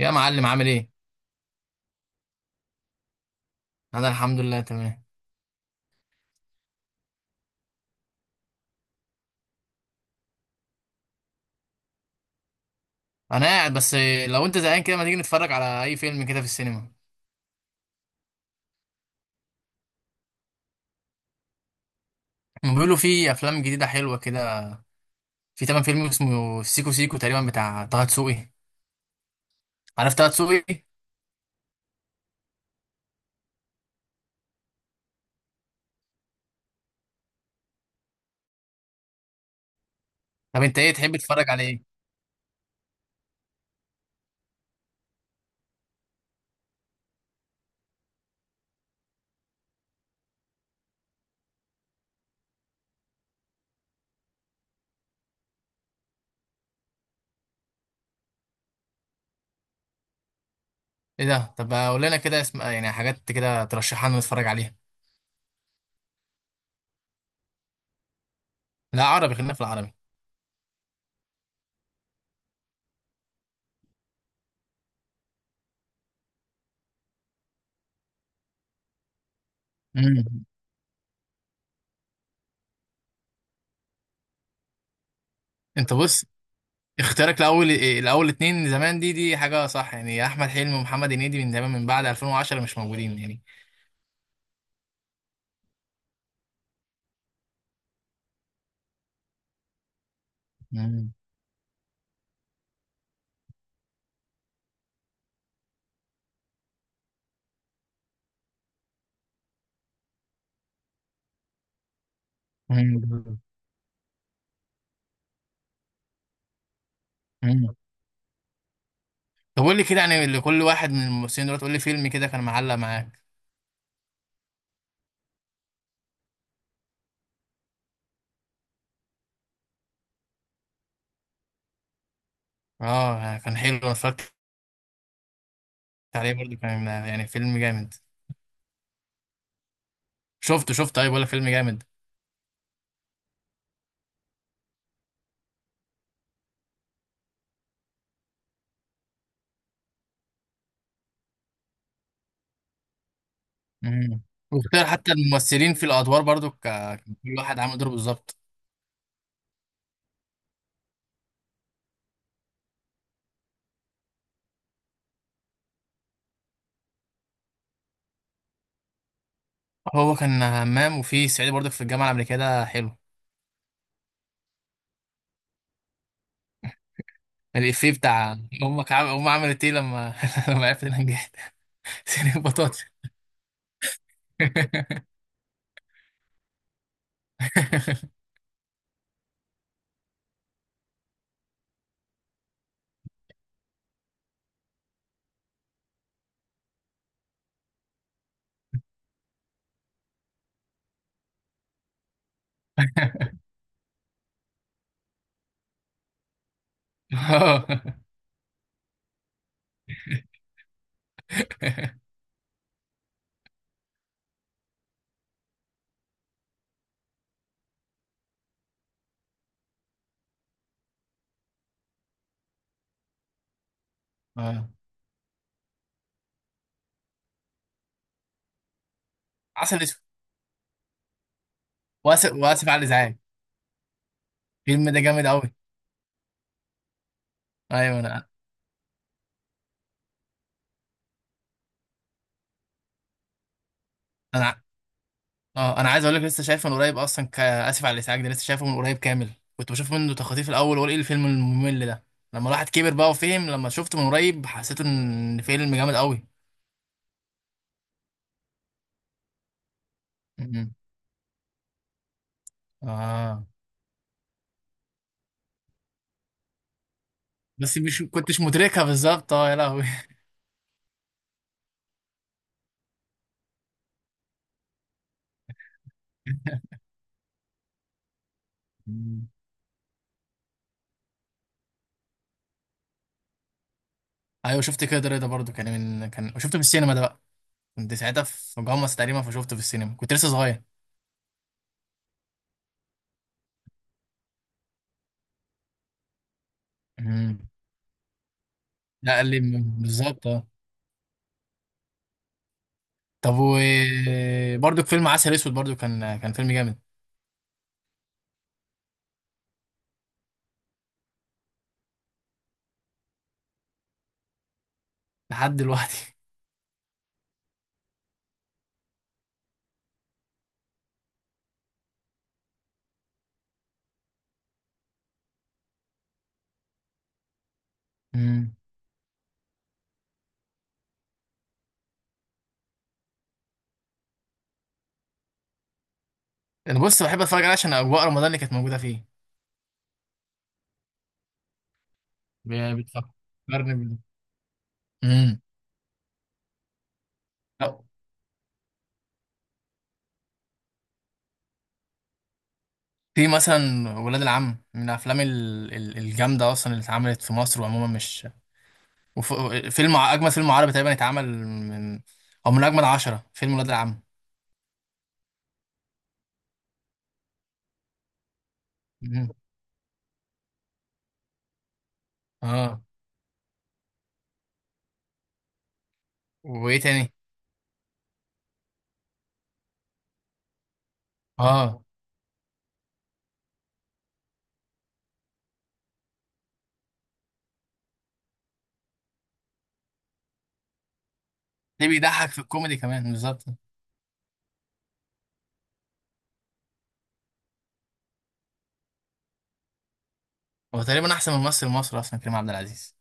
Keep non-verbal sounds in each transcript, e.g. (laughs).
يا معلم عامل ايه؟ انا الحمد لله تمام. انا قاعد بس. لو انت زهقان كده ما تيجي نتفرج على اي فيلم كده في السينما؟ هم بيقولوا في افلام جديده حلوه كده. في تمام فيلم اسمه سيكو سيكو تقريبا بتاع طه دسوقي. عارف طه دسوقي؟ طب انت ايه تحب تتفرج على ايه؟ ايه ده؟ طب قول لنا كده اسم، يعني حاجات كده ترشحها لنا نتفرج عليها. لا عربي، خلينا في العربي. امم انت بص، اختيارك لاول، الاول اتنين زمان دي حاجه صح، يعني احمد حلمي ومحمد هنيدي من زمان، من بعد 2010 مش موجودين يعني. امم طب قول لي كده، يعني لكل واحد من الممثلين دول قول لي فيلم كده كان معلق معاك. اه يعني كان حلو، انا اتفرجت عليه برضه، كان يعني فيلم جامد. شفته؟ شفت طيب ولا فيلم جامد؟ امم واختار حتى الممثلين في الادوار برضه كل واحد عامل دوره بالظبط. هو كان همام، وفي صعيدي برضه في الجامعه الامريكيه ده حلو. الافيه بتاع امك، امك عملت ايه لما (laughs) لما عرفت ان انا نجحت؟ سنين بطاطس. (laughs) آه. عسل اسود، واسف على الازعاج. الفيلم ده جامد قوي. ايوه انا اه، انا عايز اقول لك لسه شايفه من قريب اصلا، اسف على الازعاج ده لسه شايفه من قريب كامل. كنت بشوف منه تخاطيف الاول واقول ايه الفيلم الممل ده؟ لما الواحد كبر بقى وفهم، لما شفته من قريب حسيت ان فيلم جامد قوي. م-م. اه بس مش كنتش مدركها بالظبط، اه يا لهوي. م. ايوه شفت كده، رضا برضو كان، من كان شفته في السينما ده بقى؟ كنت ساعتها في جامعة تقريبا، فشفته في السينما كنت لسه صغير. م. لا قال لي بالظبط اه. طب، وبرضو فيلم عسل اسود برضو كان فيلم جامد لحد دلوقتي. (laughs) امم انا بص بحب اتفرج عليه عشان اجواء رمضان اللي كانت موجوده فيه. بتفكرني بال امم لا. في مثلا ولاد العم من الافلام الجامده اصلا اللي اتعملت في مصر، وعموما مش وف... فيلم، اجمل فيلم عربي تقريبا اتعمل، من او من اجمل عشرة فيلم ولاد العم. مم. اه. وايه تاني؟ اه، ليه بيضحك في الكوميدي كمان بالظبط. هو تقريبا احسن من ممثل مصر اصلا، كريم عبد العزيز.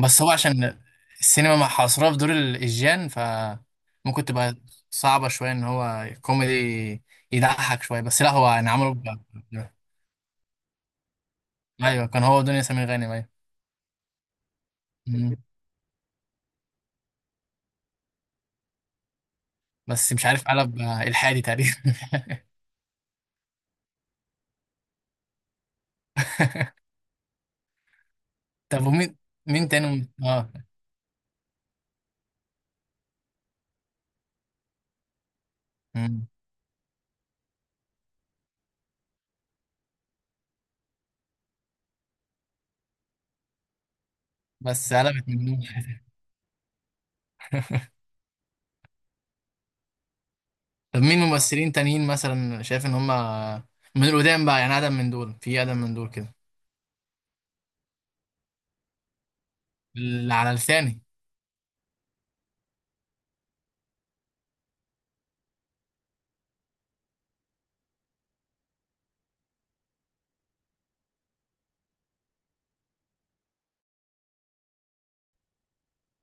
بس هو عشان السينما مع حصرها في دور الإيجيان فممكن تبقى صعبة شوية، إن هو كوميدي يضحك شوية. بس لا هو يعني عمله ب- أيوه، كان هو دنيا سمير غانم أيوه. مم. بس مش عارف قلب إلحادي تقريبا. (laughs) طب ومين؟ مين تاني؟ اه. مم. بس قلبت منهم. (laughs) طب مين ممثلين تانيين مثلا شايف إن هما من القدام بقى، يعني أقدم من دول، في أقدم من دول كده اللي على لساني؟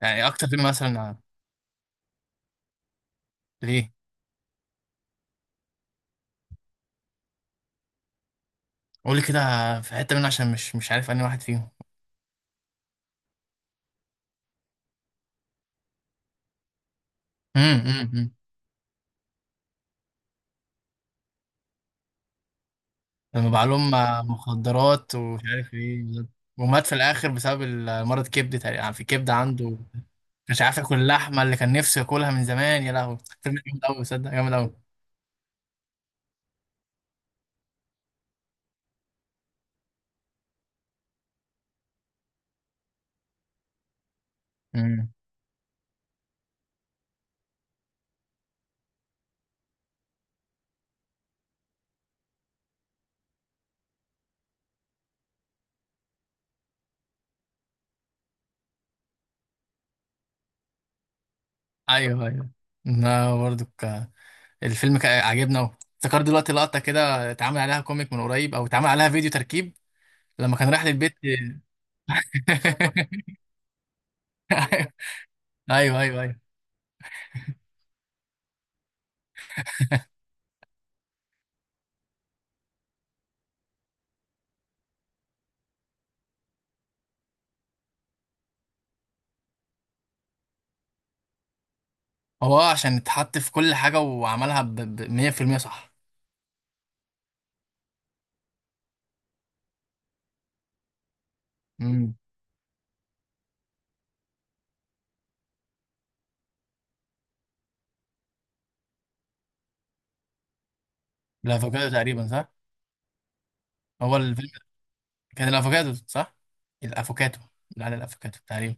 يعني أكتر فيلم مثلا، ليه؟ قولي كده في حتة منه عشان مش، مش عارف أنهي واحد فيهم. امم. امم. لما باع لهم مخدرات ومش عارف ايه بالظبط. ومات في الآخر بسبب مرض كبد تقريبا، يعني في كبد عنده مش عارف ياكل اللحمة اللي كان نفسه ياكلها من زمان. يا لهوي فيلم جامد أوي، صدق جامد أوي. امم أيوه أيوه. لا برضو الفيلم عجبنا أوي. افتكرت دلوقتي لقطة كده اتعمل عليها كوميك من قريب، أو اتعمل عليها فيديو تركيب، لما كان راح للبيت. (laughs) أيوه أيوه أيوه. هو عشان اتحط في كل حاجة وعملها ب 100% صح. امم الافوكادو تقريبا صح. هو الفيلم كان الافوكادو صح؟ الافوكادو، لا لا، الافوكادو تقريبا.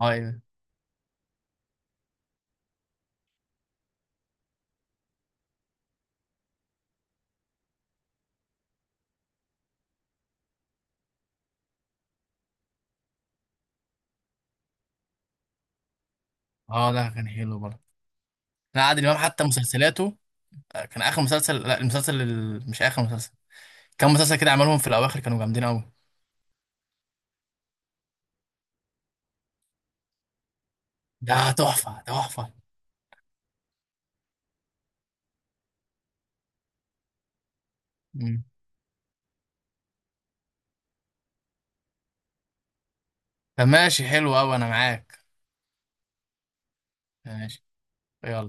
اه ايوه اه، ده كان حلو برضه. لا عادل امام حتى مسلسلاته كان اخر مسلسل، لا مش اخر مسلسل، كان مسلسل كده عملهم في الاواخر كانوا جامدين قوي. ده تحفة تحفة. مم. طب ماشي، حلو قوي انا معاك. ماشي يلا.